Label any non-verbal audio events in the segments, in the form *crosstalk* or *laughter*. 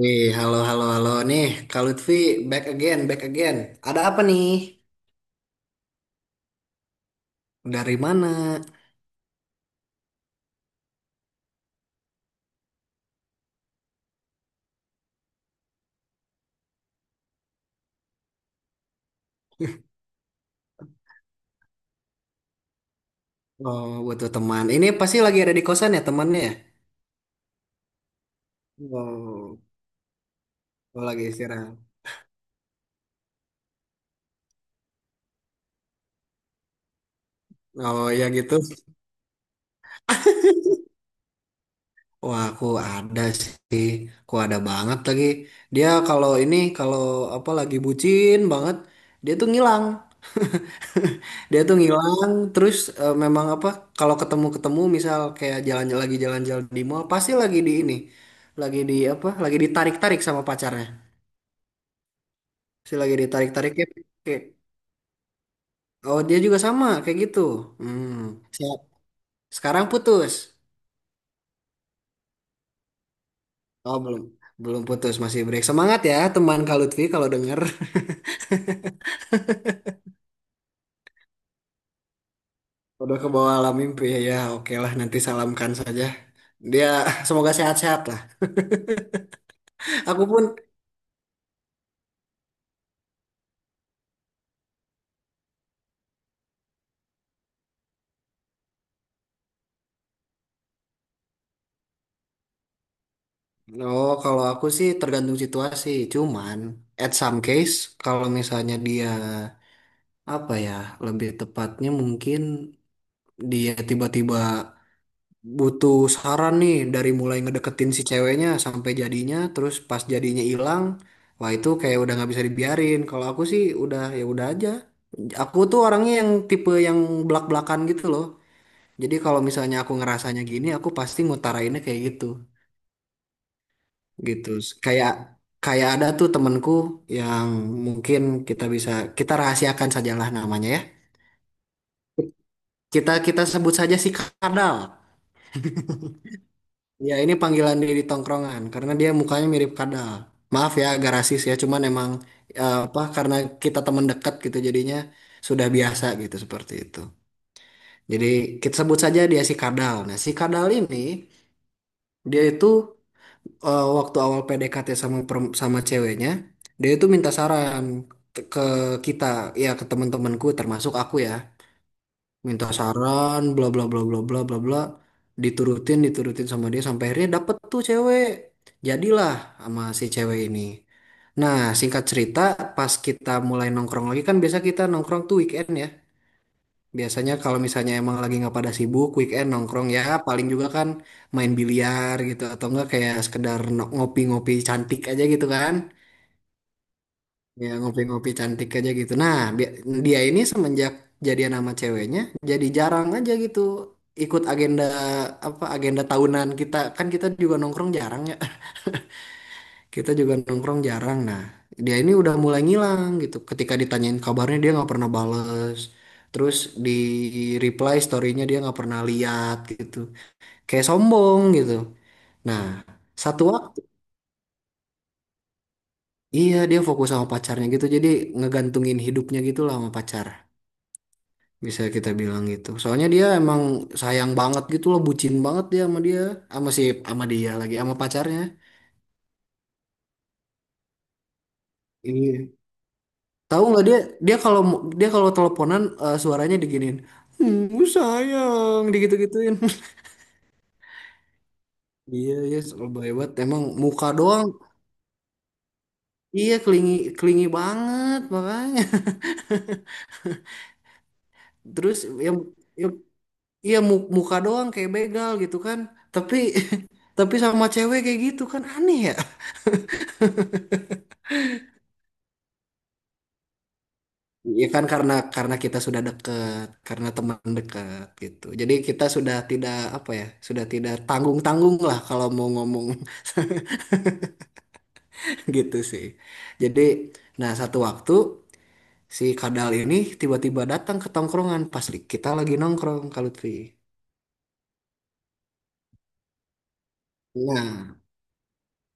Wih, halo, halo, halo nih, Kak Lutfi, back again, back again. Ada apa nih? Dari mana? *laughs* Oh, butuh teman. Ini pasti lagi ada di kosan ya temannya ya? Oh, oh, lagi istirahat. Oh, ya gitu. Wah, aku ada sih. Aku ada banget lagi. Dia kalau ini, kalau apa lagi bucin banget, dia tuh ngilang. *laughs* Dia tuh ngilang. Terus memang apa, kalau ketemu-ketemu misal kayak jalan lagi jalan-jalan di mall, pasti lagi di ini. Lagi di apa, lagi ditarik-tarik sama pacarnya. Si lagi ditarik-tarik kayak, oh dia juga sama kayak gitu. Hmm. Siap. Sekarang putus. Oh belum. Belum putus, masih break. Semangat ya teman Kak Lutfi kalau denger. Udah ke bawah alam mimpi ya, ya oke lah nanti salamkan saja. Dia *laughs* semoga sehat-sehat lah. Aku pun, oh kalau aku sih tergantung situasi. Cuman at some case kalau misalnya dia apa ya lebih tepatnya mungkin dia tiba-tiba butuh saran nih dari mulai ngedeketin si ceweknya sampai jadinya, terus pas jadinya hilang, wah itu kayak udah nggak bisa dibiarin. Kalau aku sih udah ya udah aja. Aku tuh orangnya yang tipe yang belak-belakan gitu loh. Jadi kalau misalnya aku ngerasanya gini, aku pasti ngutarainnya kayak gitu, gitu. Kayak kayak ada tuh temenku yang mungkin kita bisa kita rahasiakan sajalah namanya ya. Kita kita sebut saja si Kadal. Ya ini panggilan dia di tongkrongan karena dia mukanya mirip Kadal. Maaf ya agak rasis ya, cuman emang apa karena kita teman dekat gitu jadinya sudah biasa gitu seperti itu. Jadi kita sebut saja dia si Kadal. Nah si Kadal ini dia itu waktu awal PDKT sama ceweknya, dia itu minta saran ke kita, ya ke teman-temanku termasuk aku ya. Minta saran bla bla bla bla bla bla bla diturutin diturutin sama dia sampai akhirnya dapet tuh cewek. Jadilah sama si cewek ini. Nah, singkat cerita, pas kita mulai nongkrong lagi kan biasa kita nongkrong tuh weekend ya. Biasanya kalau misalnya emang lagi nggak pada sibuk, weekend nongkrong ya paling juga kan main biliar gitu atau enggak kayak sekedar ngopi-ngopi cantik aja gitu kan. Ya ngopi-ngopi cantik aja gitu. Nah, dia ini semenjak jadian sama ceweknya jadi jarang aja gitu ikut agenda apa agenda tahunan kita. Kan kita juga nongkrong jarang ya kita juga nongkrong jarang. Nah, dia ini udah mulai ngilang gitu. Ketika ditanyain kabarnya dia nggak pernah bales. Terus di reply story-nya dia nggak pernah lihat gitu. Kayak sombong gitu. Nah, satu waktu iya dia fokus sama pacarnya gitu. Jadi ngegantungin hidupnya gitu lah sama pacar. Bisa kita bilang gitu. Soalnya dia emang sayang banget gitu loh, bucin banget dia sama dia, sama si sama dia lagi sama pacarnya. Iya. Tahu nggak dia dia kalau dia kalau teleponan suaranya diginiin. Hmm, sayang digitu-gituin. *laughs* Iya, iya lebih hebat. Emang muka doang. Iya, kelingi kelingi banget makanya. *laughs* Terus yang yang iya muka doang kayak begal gitu kan. Tapi *laughs* tapi sama cewek kayak gitu kan aneh ya. Iya kan karena kita sudah dekat, karena teman dekat gitu. Jadi kita sudah tidak apa ya, sudah tidak tanggung-tanggung lah kalau mau ngomong *laughs* gitu sih. Jadi, nah satu waktu si Kadal ini tiba-tiba datang ke tongkrongan pas kita lagi nongkrong Kak Lutfi. Nah,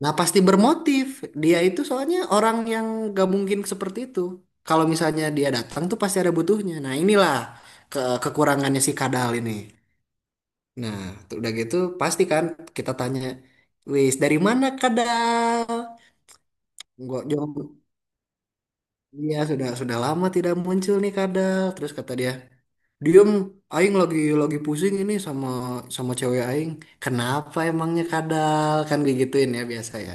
nah, pasti bermotif. Dia itu soalnya orang yang gak mungkin seperti itu. Kalau misalnya dia datang tuh pasti ada butuhnya. Nah, inilah kekurangannya si Kadal ini. Nah, tuh udah gitu pasti kan kita tanya, "Wis, dari mana Kadal?" Enggak, iya, sudah lama tidak muncul nih kadal. Terus kata dia, "Diem, aing lagi pusing ini sama sama cewek aing. Kenapa emangnya kadal?" Kan digituin ya biasa ya.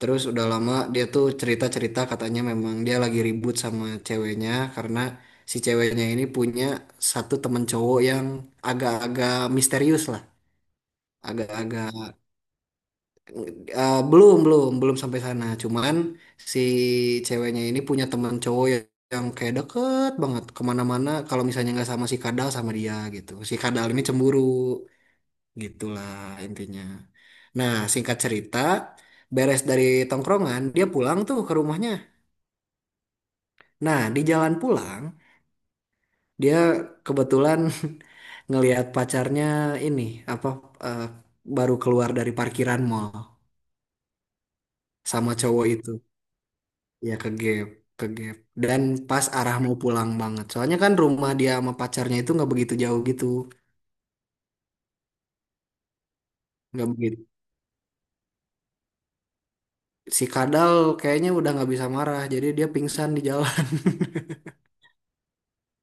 Terus udah lama dia tuh cerita-cerita katanya memang dia lagi ribut sama ceweknya karena si ceweknya ini punya satu temen cowok yang agak-agak misterius lah, agak-agak belum belum belum sampai sana cuman si ceweknya ini punya teman cowok yang, kayak deket banget kemana-mana kalau misalnya nggak sama si Kadal sama dia gitu si Kadal ini cemburu gitulah intinya. Nah singkat cerita beres dari tongkrongan dia pulang tuh ke rumahnya. Nah di jalan pulang dia kebetulan *laughs* ngelihat pacarnya ini apa eh, baru keluar dari parkiran mall sama cowok itu. Ya ke gap, ke gap. Dan pas arah mau pulang banget. Soalnya kan rumah dia sama pacarnya itu nggak begitu jauh gitu. Nggak begitu. Si Kadal kayaknya udah nggak bisa marah. Jadi dia pingsan di jalan.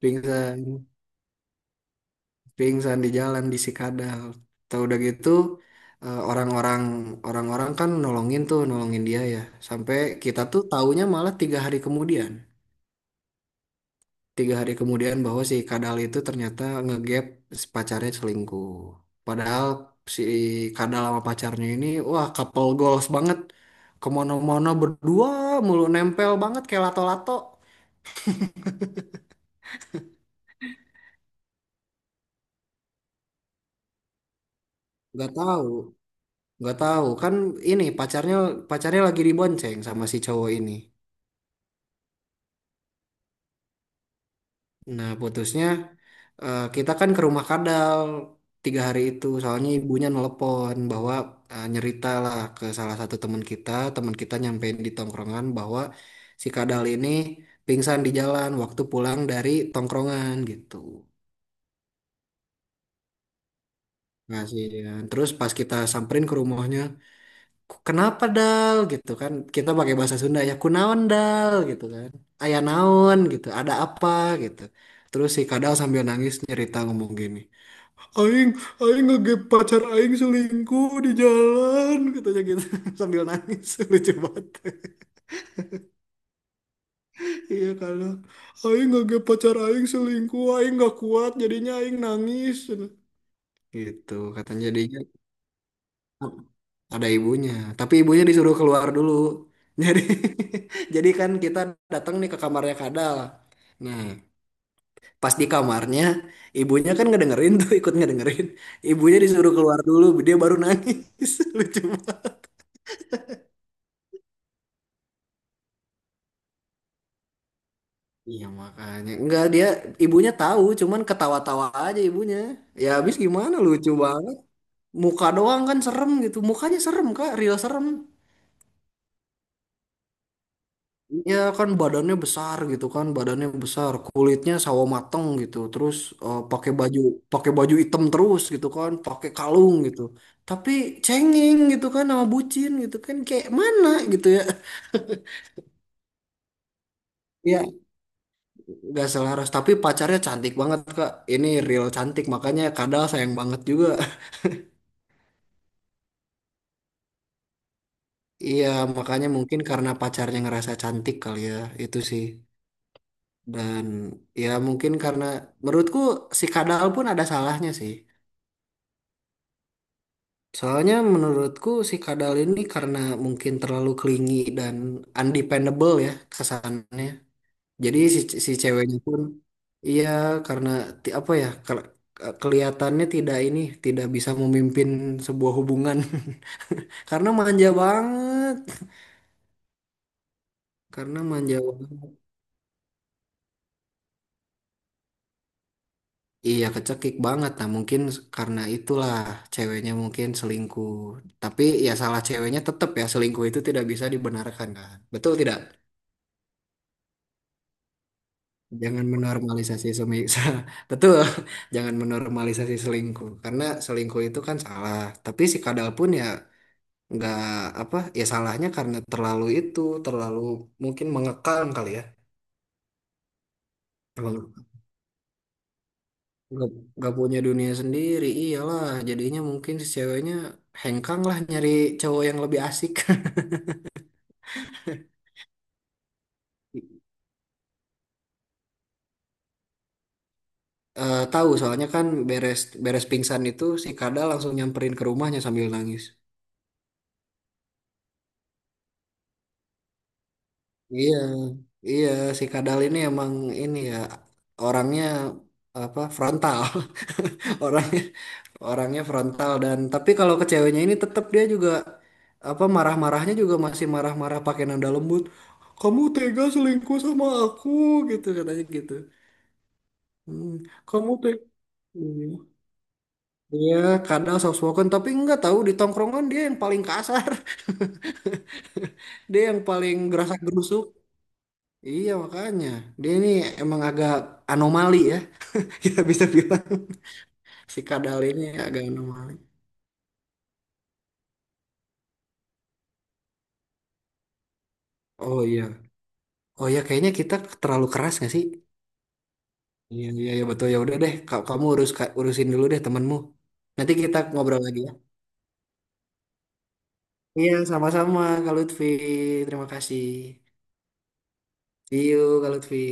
*laughs* Pingsan. Pingsan di jalan di si Kadal. Tahu udah gitu eh, orang-orang orang-orang kan nolongin tuh, nolongin dia ya. Sampai kita tuh taunya malah 3 hari kemudian bahwa si Kadal itu ternyata ngegap si pacarnya selingkuh. Padahal si Kadal sama pacarnya ini, wah couple goals banget. Kemana-mana berdua mulu nempel banget kayak lato-lato. Gak tahu, gak tahu. Kan ini pacarnya pacarnya lagi dibonceng sama si cowok ini. Nah, putusnya kita kan ke rumah Kadal 3 hari itu. Soalnya ibunya nelpon bahwa nyerita lah ke salah satu teman kita. Teman kita nyampein di tongkrongan bahwa si Kadal ini pingsan di jalan waktu pulang dari tongkrongan gitu. Kasihan. Terus pas kita samperin ke rumahnya, Kenapa Dal?" Gitu kan. Kita pakai bahasa Sunda ya, kunaon Dal? Gitu kan. Aya naon gitu, ada apa gitu. Terus si Kadal sambil nangis nyerita ngomong gini. Aing, Aing, ngegep pacar Aing selingkuh di jalan, katanya gitu *laughs* sambil nangis, *laughs* lucu banget. *laughs* Iya kalau Aing ngegep pacar Aing selingkuh, Aing nggak kuat, jadinya Aing nangis. Gitu katanya jadinya ada ibunya, tapi ibunya disuruh keluar dulu. *laughs* Jadi, jadi, kan kita datang nih ke kamarnya Kadal. Nah, pas di kamarnya, ibunya kan ngedengerin tuh, ikut ngedengerin. Ibunya disuruh keluar dulu, dia baru nangis, *laughs* lucu banget. Iya makanya enggak, dia ibunya tahu cuman ketawa-tawa aja ibunya. Ya habis gimana lucu banget, muka doang kan serem gitu, mukanya serem Kak Rio, serem. Ya kan badannya besar gitu kan, badannya besar, kulitnya sawo mateng gitu. Terus eh, pakai baju pakai baju hitam terus gitu kan, pakai kalung gitu, tapi cengeng gitu kan, sama bucin gitu kan, kayak mana gitu ya. *laughs* Iya, nggak selaras. Tapi pacarnya cantik banget, Kak. Ini real cantik, makanya Kadal sayang banget juga. Iya, makanya mungkin karena pacarnya ngerasa cantik kali ya, itu sih. Dan ya mungkin karena menurutku si Kadal pun ada salahnya sih. Soalnya menurutku si Kadal ini karena mungkin terlalu clingy dan undependable ya kesannya. Jadi si ceweknya pun iya karena apa ya kelihatannya tidak bisa memimpin sebuah hubungan. *laughs* Karena manja banget, karena manja banget. Iya kecekik banget. Nah mungkin karena itulah ceweknya mungkin selingkuh. Tapi ya salah ceweknya tetap ya, selingkuh itu tidak bisa dibenarkan kan. Betul tidak? Jangan menormalisasi semi *laughs* betul. Jangan menormalisasi selingkuh karena selingkuh itu kan salah. Tapi si Kadal pun ya nggak apa ya salahnya karena terlalu mungkin mengekang kali ya. Emang. Nggak, nggak punya dunia sendiri, iyalah. Jadinya mungkin si ceweknya hengkang lah nyari cowok yang lebih asik. *laughs* Eh, tahu soalnya kan beres beres pingsan itu si Kadal langsung nyamperin ke rumahnya sambil nangis. Iya, iya si Kadal ini emang ini ya orangnya apa frontal. *laughs* Orangnya orangnya frontal dan tapi kalau ke ceweknya ini tetap dia juga apa marah-marahnya juga masih marah-marah pakai nada lembut. Kamu tega selingkuh sama aku, gitu katanya gitu. Hmm, kamu tega. Iya, kadang soft spoken, tapi nggak tahu di tongkrongan dia yang paling kasar, *laughs* dia yang paling gerasa gerusuk. Iya makanya, dia ini emang agak anomali ya, *laughs* kita bisa bilang si Kadal ini agak anomali. Oh iya, oh iya kayaknya kita terlalu keras nggak sih? Iya iya iya, betul ya udah deh, kamu urus urusin dulu deh temenmu. Nanti kita ngobrol lagi ya. Iya sama-sama Kak Lutfi, terima kasih. See you Kak Lutfi.